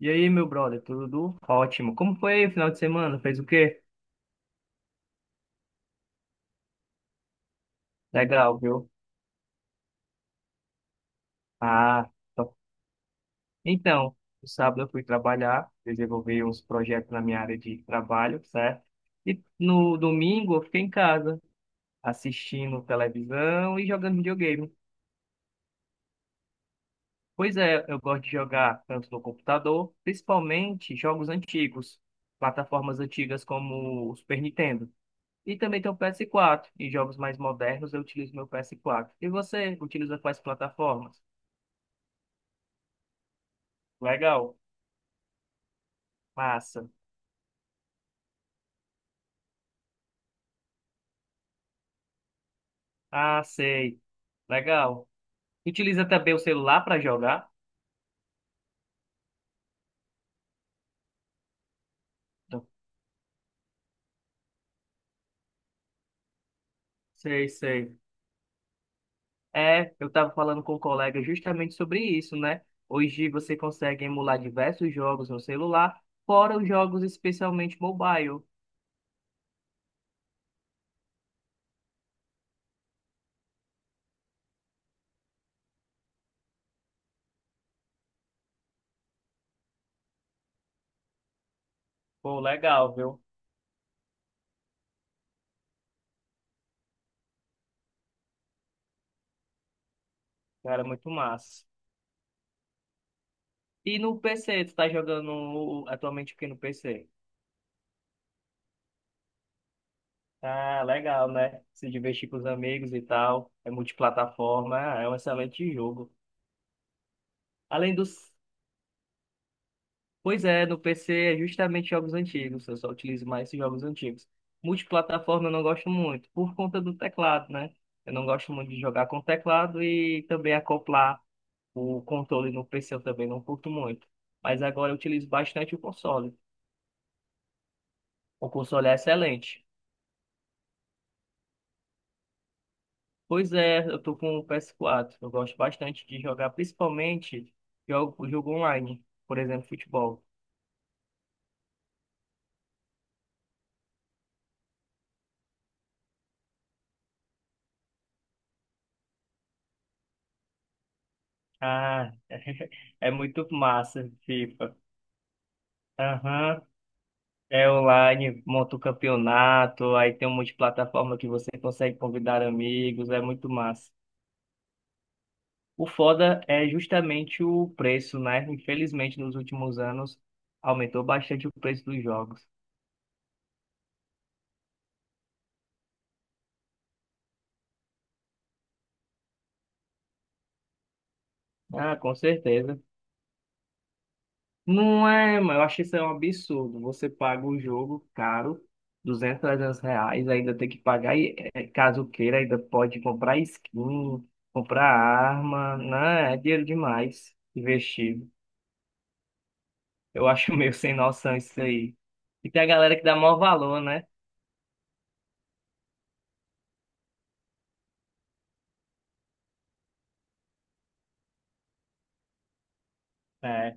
E aí, meu brother, tudo ótimo? Como foi o final de semana? Fez o quê? Legal, viu? Ah, tô- então, no sábado eu fui trabalhar, desenvolvi uns projetos na minha área de trabalho, certo? E no domingo eu fiquei em casa, assistindo televisão e jogando videogame. Pois é, eu gosto de jogar tanto no computador, principalmente jogos antigos, plataformas antigas como o Super Nintendo. E também tem o PS4. Em jogos mais modernos eu utilizo meu PS4. E você utiliza quais plataformas? Legal. Massa. Ah, sei. Legal. Utiliza também o celular para jogar? Sei, sei. É, eu estava falando com um colega justamente sobre isso, né? Hoje você consegue emular diversos jogos no celular, fora os jogos especialmente mobile. Pô, legal, viu? Cara, muito massa. E no PC, tu tá jogando atualmente o que no PC? Ah, legal, né? Se divertir com os amigos e tal. É multiplataforma, ah, é um excelente jogo. Além dos. Pois é, no PC é justamente jogos antigos, eu só utilizo mais esses jogos antigos. Multiplataforma eu não gosto muito, por conta do teclado, né? Eu não gosto muito de jogar com teclado e também acoplar o controle no PC eu também não curto muito. Mas agora eu utilizo bastante o console. O console é excelente. Pois é, eu tô com o PS4. Eu gosto bastante de jogar, principalmente jogo online, por exemplo, futebol. Ah, é muito massa, FIFA. Aham. É online, monta o campeonato, aí tem um monte de plataforma que você consegue convidar amigos, é muito massa. O foda é justamente o preço, né? Infelizmente, nos últimos anos, aumentou bastante o preço dos jogos. Ah, com certeza. Não é, mas eu acho isso é um absurdo. Você paga o jogo caro, 200 R$ 300, ainda tem que pagar, e caso queira, ainda pode comprar skin, comprar arma, né? É dinheiro demais investido. Eu acho meio sem noção isso aí. E tem a galera que dá maior valor, né? É,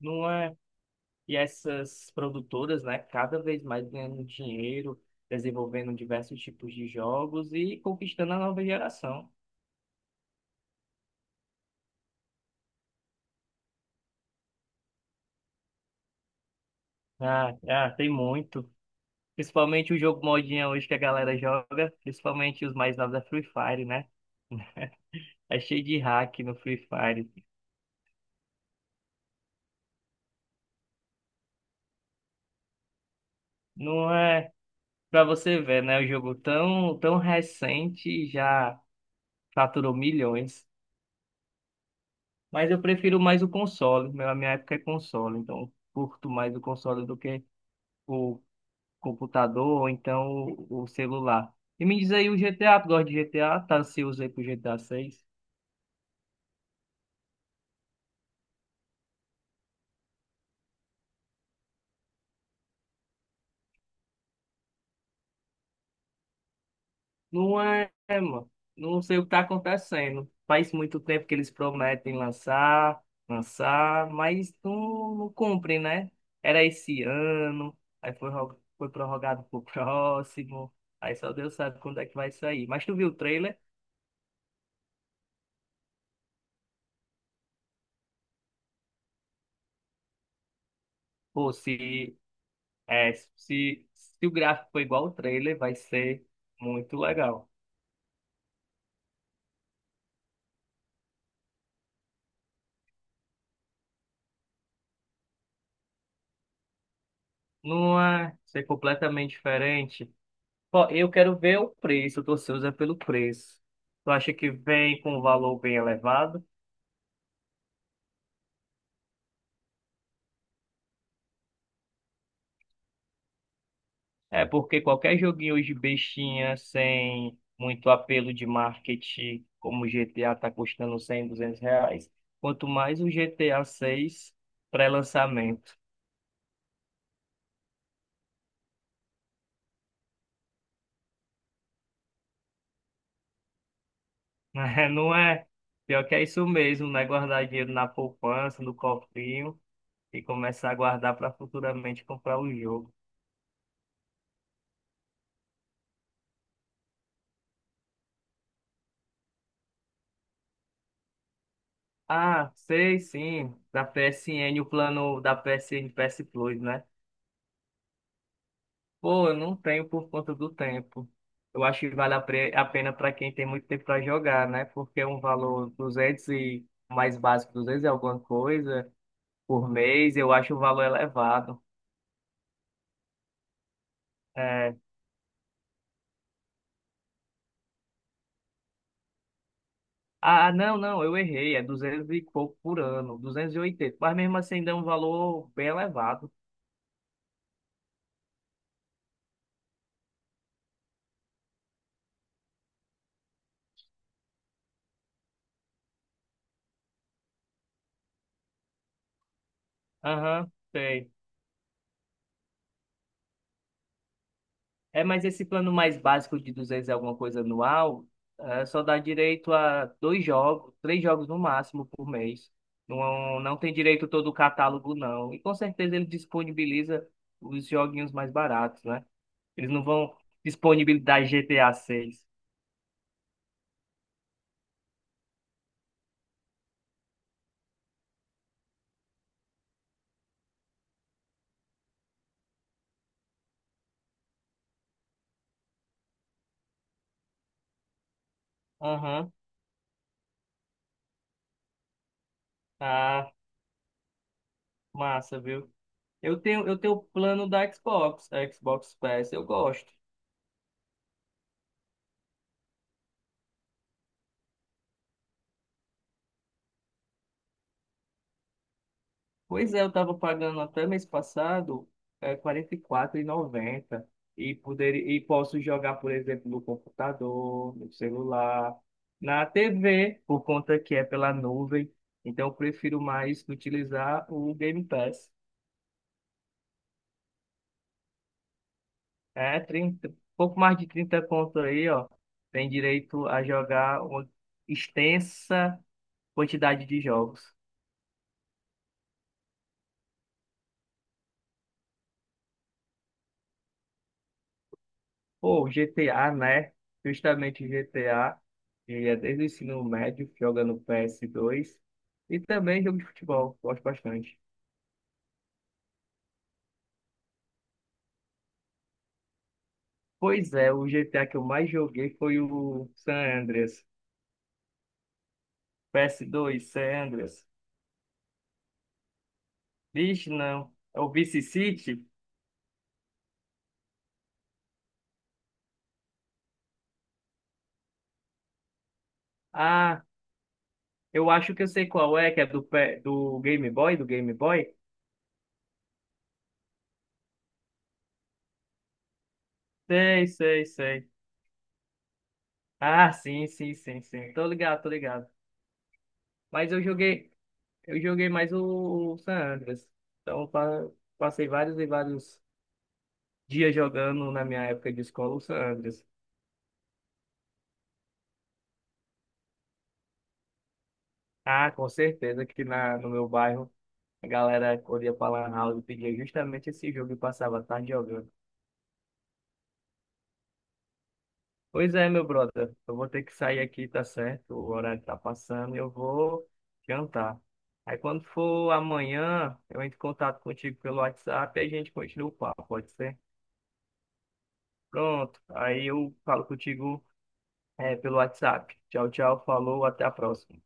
não é? E essas produtoras, né, cada vez mais ganhando dinheiro, desenvolvendo diversos tipos de jogos e conquistando a nova geração. Ah, ah, tem muito. Principalmente o jogo modinha hoje que a galera joga, principalmente os mais novos é Free Fire, né? É cheio de hack no Free Fire. Não é pra você ver, né? O jogo tão, tão recente já faturou milhões. Mas eu prefiro mais o console. A minha época é console, então eu curto mais o console do que o computador ou então o celular. E me diz aí o GTA, tu gosta de GTA? Tá ansioso aí pro GTA VI? Não é, mano. Não sei o que tá acontecendo. Faz muito tempo que eles prometem lançar, mas não, não cumprem, né? Era esse ano, aí foi prorrogado pro próximo. Aí só Deus sabe quando é que vai sair. Mas tu viu o trailer? Pô, se, é, se o gráfico for igual ao trailer, vai ser muito legal. Não é ser completamente diferente. Ó, eu quero ver o preço, tô ansioso é pelo preço. Tu acha que vem com um valor bem elevado? É porque qualquer joguinho hoje bestinha, sem muito apelo de marketing, como o GTA tá custando 100, R$ 200, quanto mais o GTA 6 pré-lançamento, não é? Pior que é isso mesmo, né? Guardar dinheiro na poupança, no cofrinho e começar a guardar para futuramente comprar o jogo. Ah, sei sim, da PSN, o plano da PSN PS Plus, né? Pô, eu não tenho por conta do tempo. Eu acho que vale a pena para quem tem muito tempo para jogar, né? Porque é um valor 200 e o mais básico, 200 e alguma coisa por mês, eu acho o valor elevado. É. Ah, ah, não, não, eu errei, é 200 e pouco por ano, 280, mas mesmo assim ainda é um valor bem elevado. Aham, sei. É, mas esse plano mais básico de 200 e alguma coisa anual, só dá direito a dois jogos, três jogos no máximo por mês. Não, não tem direito todo o catálogo, não. E com certeza ele disponibiliza os joguinhos mais baratos, né? Eles não vão disponibilizar GTA 6. Aham. Ah, massa, viu? Eu tenho o plano da Xbox, Xbox Pass, eu gosto. Pois é, eu estava pagando até mês passado 44,90 e poder e posso jogar, por exemplo, no computador, no celular, na TV, por conta que é pela nuvem. Então, eu prefiro mais utilizar o Game Pass. É, 30 pouco mais de 30 conto aí, ó. Tem direito a jogar uma extensa quantidade de jogos. Pô, GTA, né? Justamente GTA, que é desde o ensino médio, joga no PS2 e também jogo de futebol, gosto bastante. Pois é, o GTA que eu mais joguei foi o San Andreas, PS2, San Andreas. Vixe, não, é o Vice City? Ah, eu acho que eu sei qual é, que é do Game Boy, do Game Boy? Sei, sei, sei. Ah, sim, sim, sim, sim, tô ligado, tô ligado. Mas eu joguei mais o San Andreas. Então, passei vários e vários dias jogando na minha época de escola o San Andreas. Ah, com certeza que no meu bairro a galera corria pra Lan House e pedia justamente esse jogo e passava a tarde jogando. Pois é, meu brother, eu vou ter que sair aqui, tá certo? O horário tá passando e eu vou jantar. Aí quando for amanhã, eu entro em contato contigo pelo WhatsApp e a gente continua o papo, pode ser? Pronto, aí eu falo contigo pelo WhatsApp. Tchau, tchau, falou, até a próxima.